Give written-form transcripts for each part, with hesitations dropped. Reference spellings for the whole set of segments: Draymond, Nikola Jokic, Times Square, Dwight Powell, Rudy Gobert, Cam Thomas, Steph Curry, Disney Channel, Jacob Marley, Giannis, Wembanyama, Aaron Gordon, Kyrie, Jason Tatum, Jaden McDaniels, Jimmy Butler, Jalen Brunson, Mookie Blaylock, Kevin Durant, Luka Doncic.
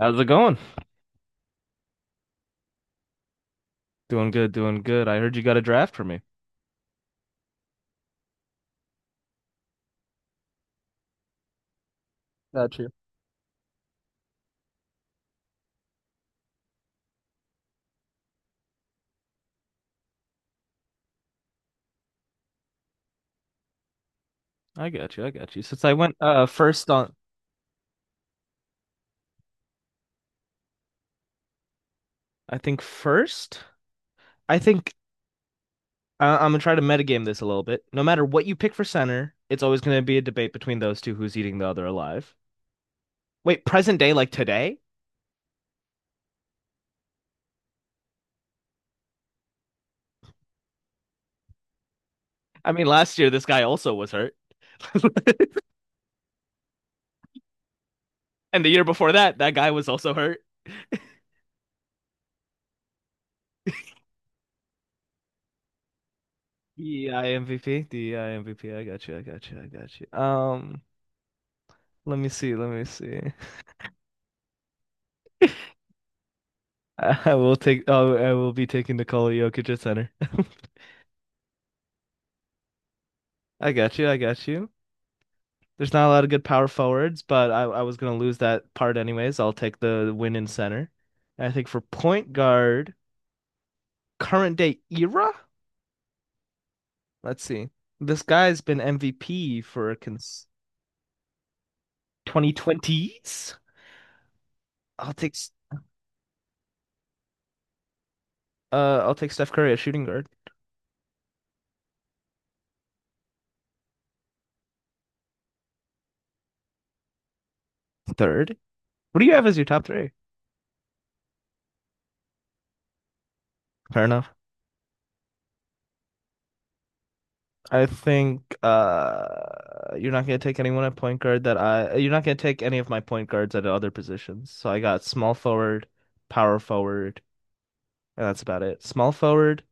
How's it going? Doing good, doing good. I heard you got a draft for me. Got you. I got you, I got you. Since I went first on, I think first. I think I'm gonna try to metagame this a little bit. No matter what you pick for center, it's always gonna be a debate between those two who's eating the other alive. Wait, present day like today? I mean, last year this guy also was hurt, and the year before that, that guy was also hurt. DEI MVP, I M V P. I got you, I got you, I got you. Let me see, let me see. I will take. Oh, I will be taking Nikola Jokic at center. I got you. I got you. There's not a lot of good power forwards, but I was gonna lose that part anyways. I'll take the win in center. And I think for point guard, current day era. Let's see. This guy's been MVP for cons 2020s. I'll take s- I'll take Steph Curry at shooting guard. Third. What do you have as your top three? Fair enough. I think you're not gonna take anyone at point guard that I you're not gonna take any of my point guards at other positions. So I got small forward, power forward, and that's about it. Small forward,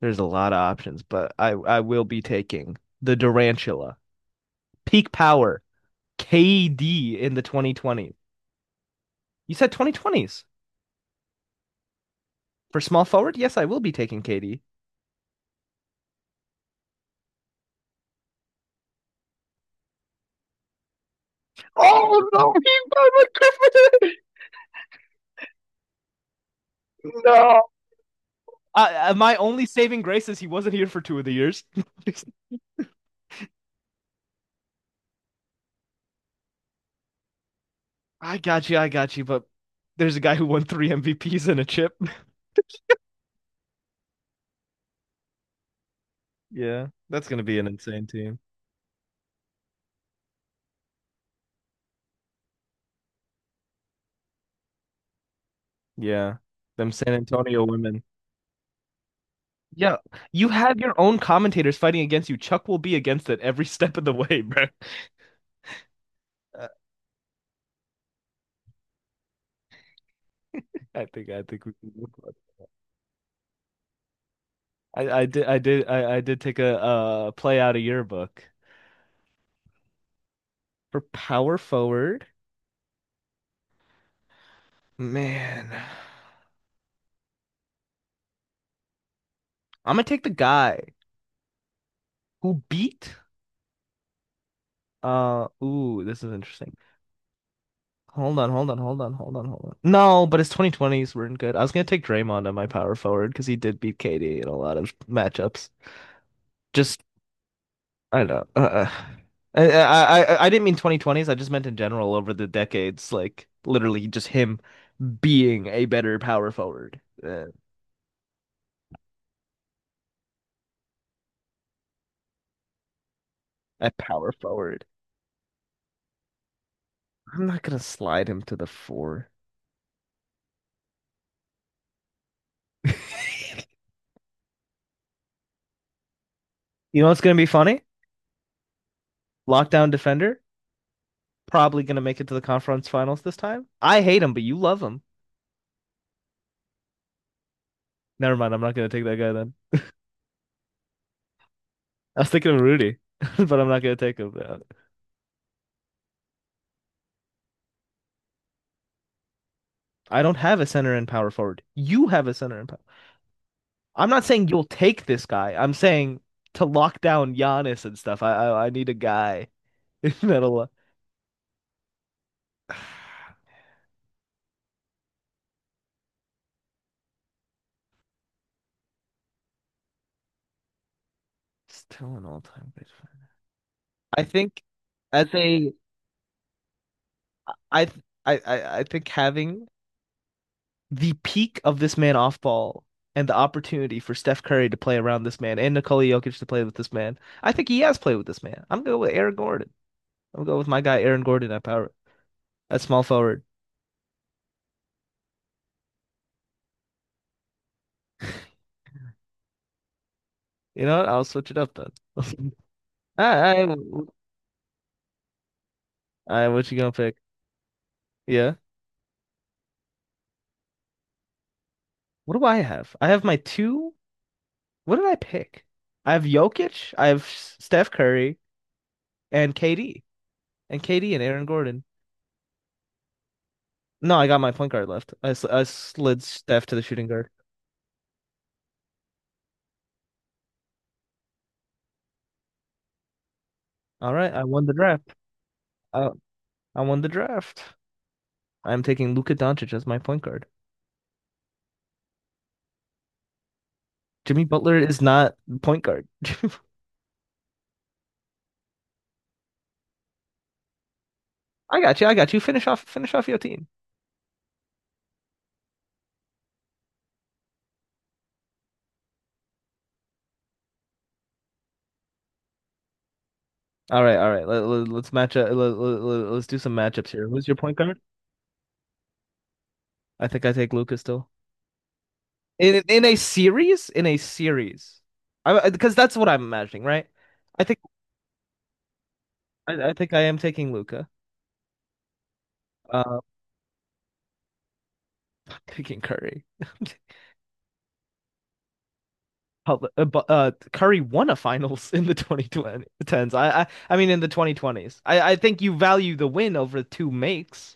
there's a lot of options, but I will be taking the Durantula. Peak power, KD in the 2020s. You said 2020s. For small forward? Yes, I will be taking KD. Oh no, he's not a No. My only saving grace is he wasn't here for two of the years. I got you, but there's a guy who won three MVPs and a chip. Yeah, that's gonna be an insane team. Yeah, them San Antonio women. Yeah, you have your own commentators fighting against you. Chuck will be against it every step of the way, bro. Uh, I think we can move on. I did take a play out of your book for power forward. Man, I'm gonna take the guy who beat ooh, this is interesting. Hold on, hold on, hold on, hold on, hold on. No, but his 2020s weren't good. I was gonna take Draymond on my power forward because he did beat KD in a lot of matchups. Just I don't know. Uh. I didn't mean 2020s. I just meant in general over the decades, like literally just him being a better power forward. A power forward. I'm not gonna slide him to the four. You know what's gonna be funny? Lockdown defender probably gonna make it to the conference finals this time. I hate him, but you love him. Never mind. I'm not gonna take that guy then. I was thinking of Rudy, but I'm not gonna take him. I don't have a center and power forward. You have a center and power. I'm not saying you'll take this guy. I'm saying to lock down Giannis and stuff. I need a guy that'll. Still an all-time great fan. I think as a I th- I think having the peak of this man off ball, and the opportunity for Steph Curry to play around this man and Nikola Jokic to play with this man. I think he has played with this man. I'm going with Aaron Gordon. I'm going with my guy Aaron Gordon at power a small forward. You know what? I'll switch it up then. I, I, what you gonna pick? Yeah. What do I have? I have my two. What did I pick? I have Jokic, I have Steph Curry, and KD, and KD and Aaron Gordon. No, I got my point guard left. I slid Steph to the shooting guard. All right, I won the draft. Uh, I won the draft. I'm taking Luka Doncic as my point guard. Jimmy Butler is not point guard. I got you. I got you. Finish off. Finish off your team. All right, all right. Let's match up. Let's do some matchups here. Who's your point guard? I think I take Luka still. In a series, I because that's what I'm imagining, right? I think I am taking Luca. Uh, taking Curry. Hell, Curry won a finals in the 2010s. I mean in the 2020s. I think you value the win over two makes.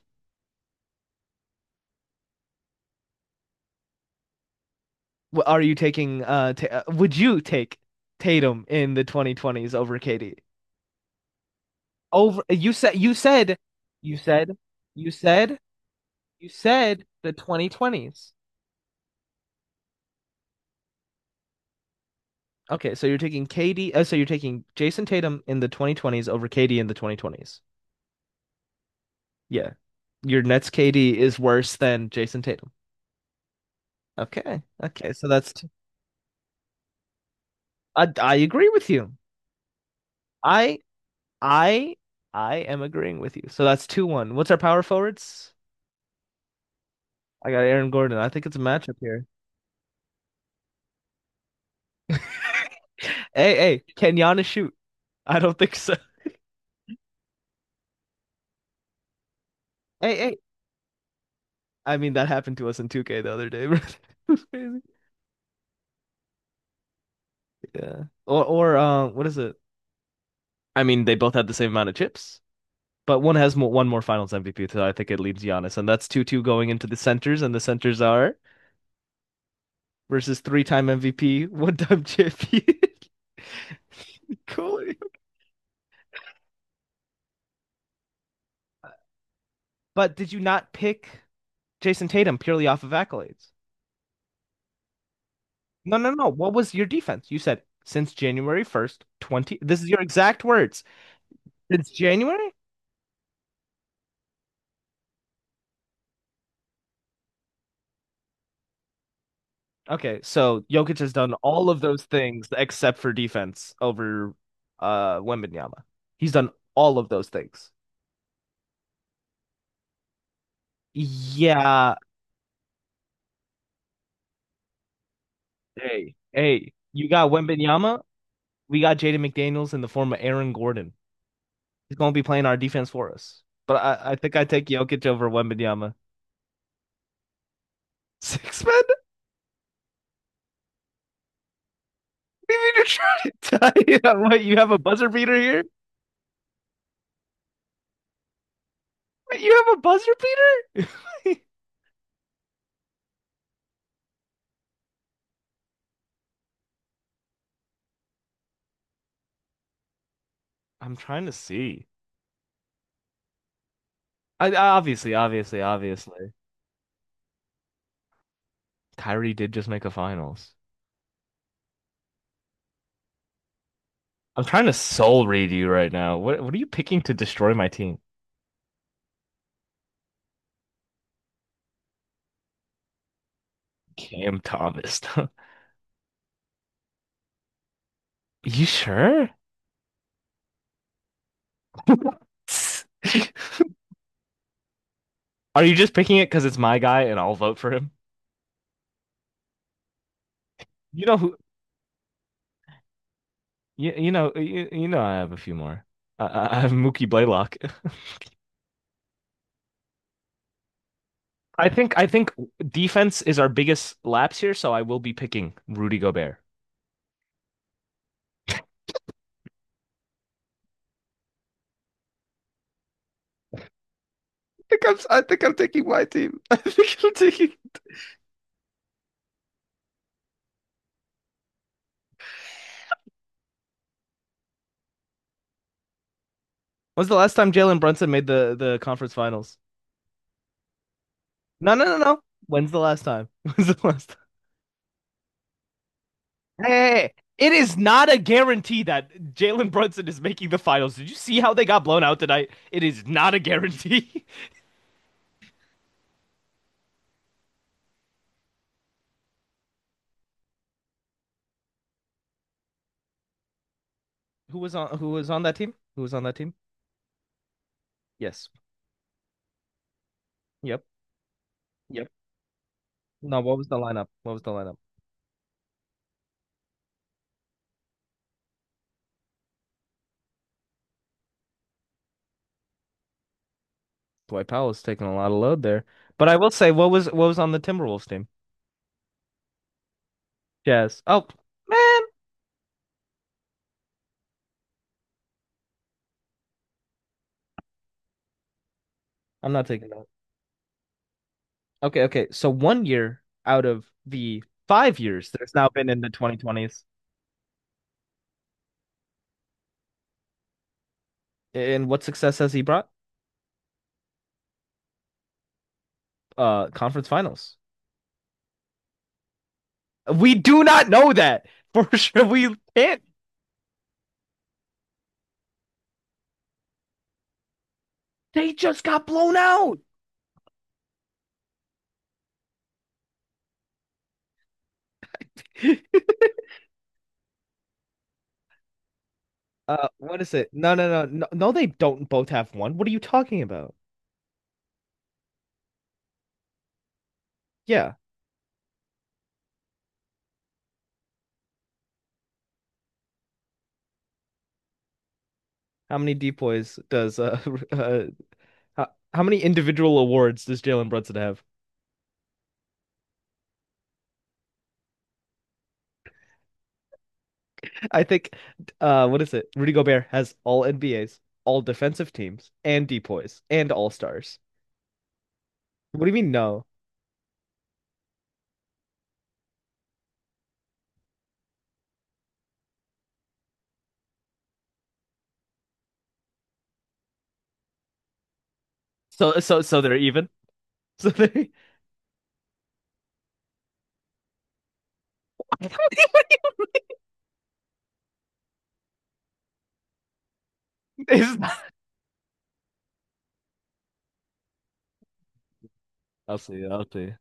W- Are you taking ta would you take Tatum in the 2020s over KD? Over you said you said you said the 2020s. Okay, so you're taking KD so you're taking Jason Tatum in the 2020s over KD in the 2020s. Yeah. Your Nets KD is worse than Jason Tatum. Okay. Okay, I agree with you. I I I am agreeing with you. So that's 2-1. What's our power forwards? I got Aaron Gordon. I think it's a matchup here. Hey, hey, can Giannis shoot? I don't think so. Hey, hey, I mean, that happened to us in 2K the other day, bro. It was crazy. Yeah. Or, what is it? I mean, they both had the same amount of chips, but one has more, one more Finals MVP, so I think it leaves Giannis, and that's 2-2 going into the centers, and the centers are versus three-time MVP, one-time champion. Cool. But did you not pick Jason Tatum purely off of accolades? No, no, no. What was your defense? You said since January 1st, 20. This is your exact words. Since January Okay, so Jokic has done all of those things except for defense over Wembanyama. He's done all of those things. Yeah. Hey, hey, you got Wembanyama, we got Jaden McDaniels in the form of Aaron Gordon. He's gonna be playing our defense for us. But I think I take Jokic over Wembanyama. Six men? You mean you're trying to tie it up? What, you have a buzzer beater here? Wait, you have a buzzer beater? I'm trying to see. Obviously, obviously, obviously. Kyrie did just make a finals. I'm trying to soul read you right now. What are you picking to destroy my team? Cam Thomas. You sure? Are you just picking it because it's my guy and I'll vote for him? You know who? You know you know I have a few more. I have Mookie Blaylock. I think defense is our biggest lapse here, so I will be picking Rudy Gobert. I think I'm taking my team. I think I'm taking. When's the last time Jalen Brunson made the conference finals? No, no, no, no. When's the last time? When's the last time? Hey, hey, hey. It is not a guarantee that Jalen Brunson is making the finals. Did you see how they got blown out tonight? It is not a guarantee. Who was on that team? Who was on that team? Yes. Yep. Yep. No, what was the lineup? What was the lineup? Dwight Powell is taking a lot of load there. But I will say, what was on the Timberwolves team? Jazz. Oh man, I'm not taking that. Okay, okay. So one year out of the 5 years that's now been in the 2020s. And what success has he brought? Conference finals. We do not know that for sure. We can't. They just got blown out. What is it? No, no, no, no, no. They don't both have one. What are you talking about? Yeah. How many depoys does uh how, how many individual awards does Jalen Brunson have? I think what is it? Rudy Gobert has all NBAs, all defensive teams, and depoys, and all stars. What do you mean no? So they're even. So they it's not I'll see. I'll see.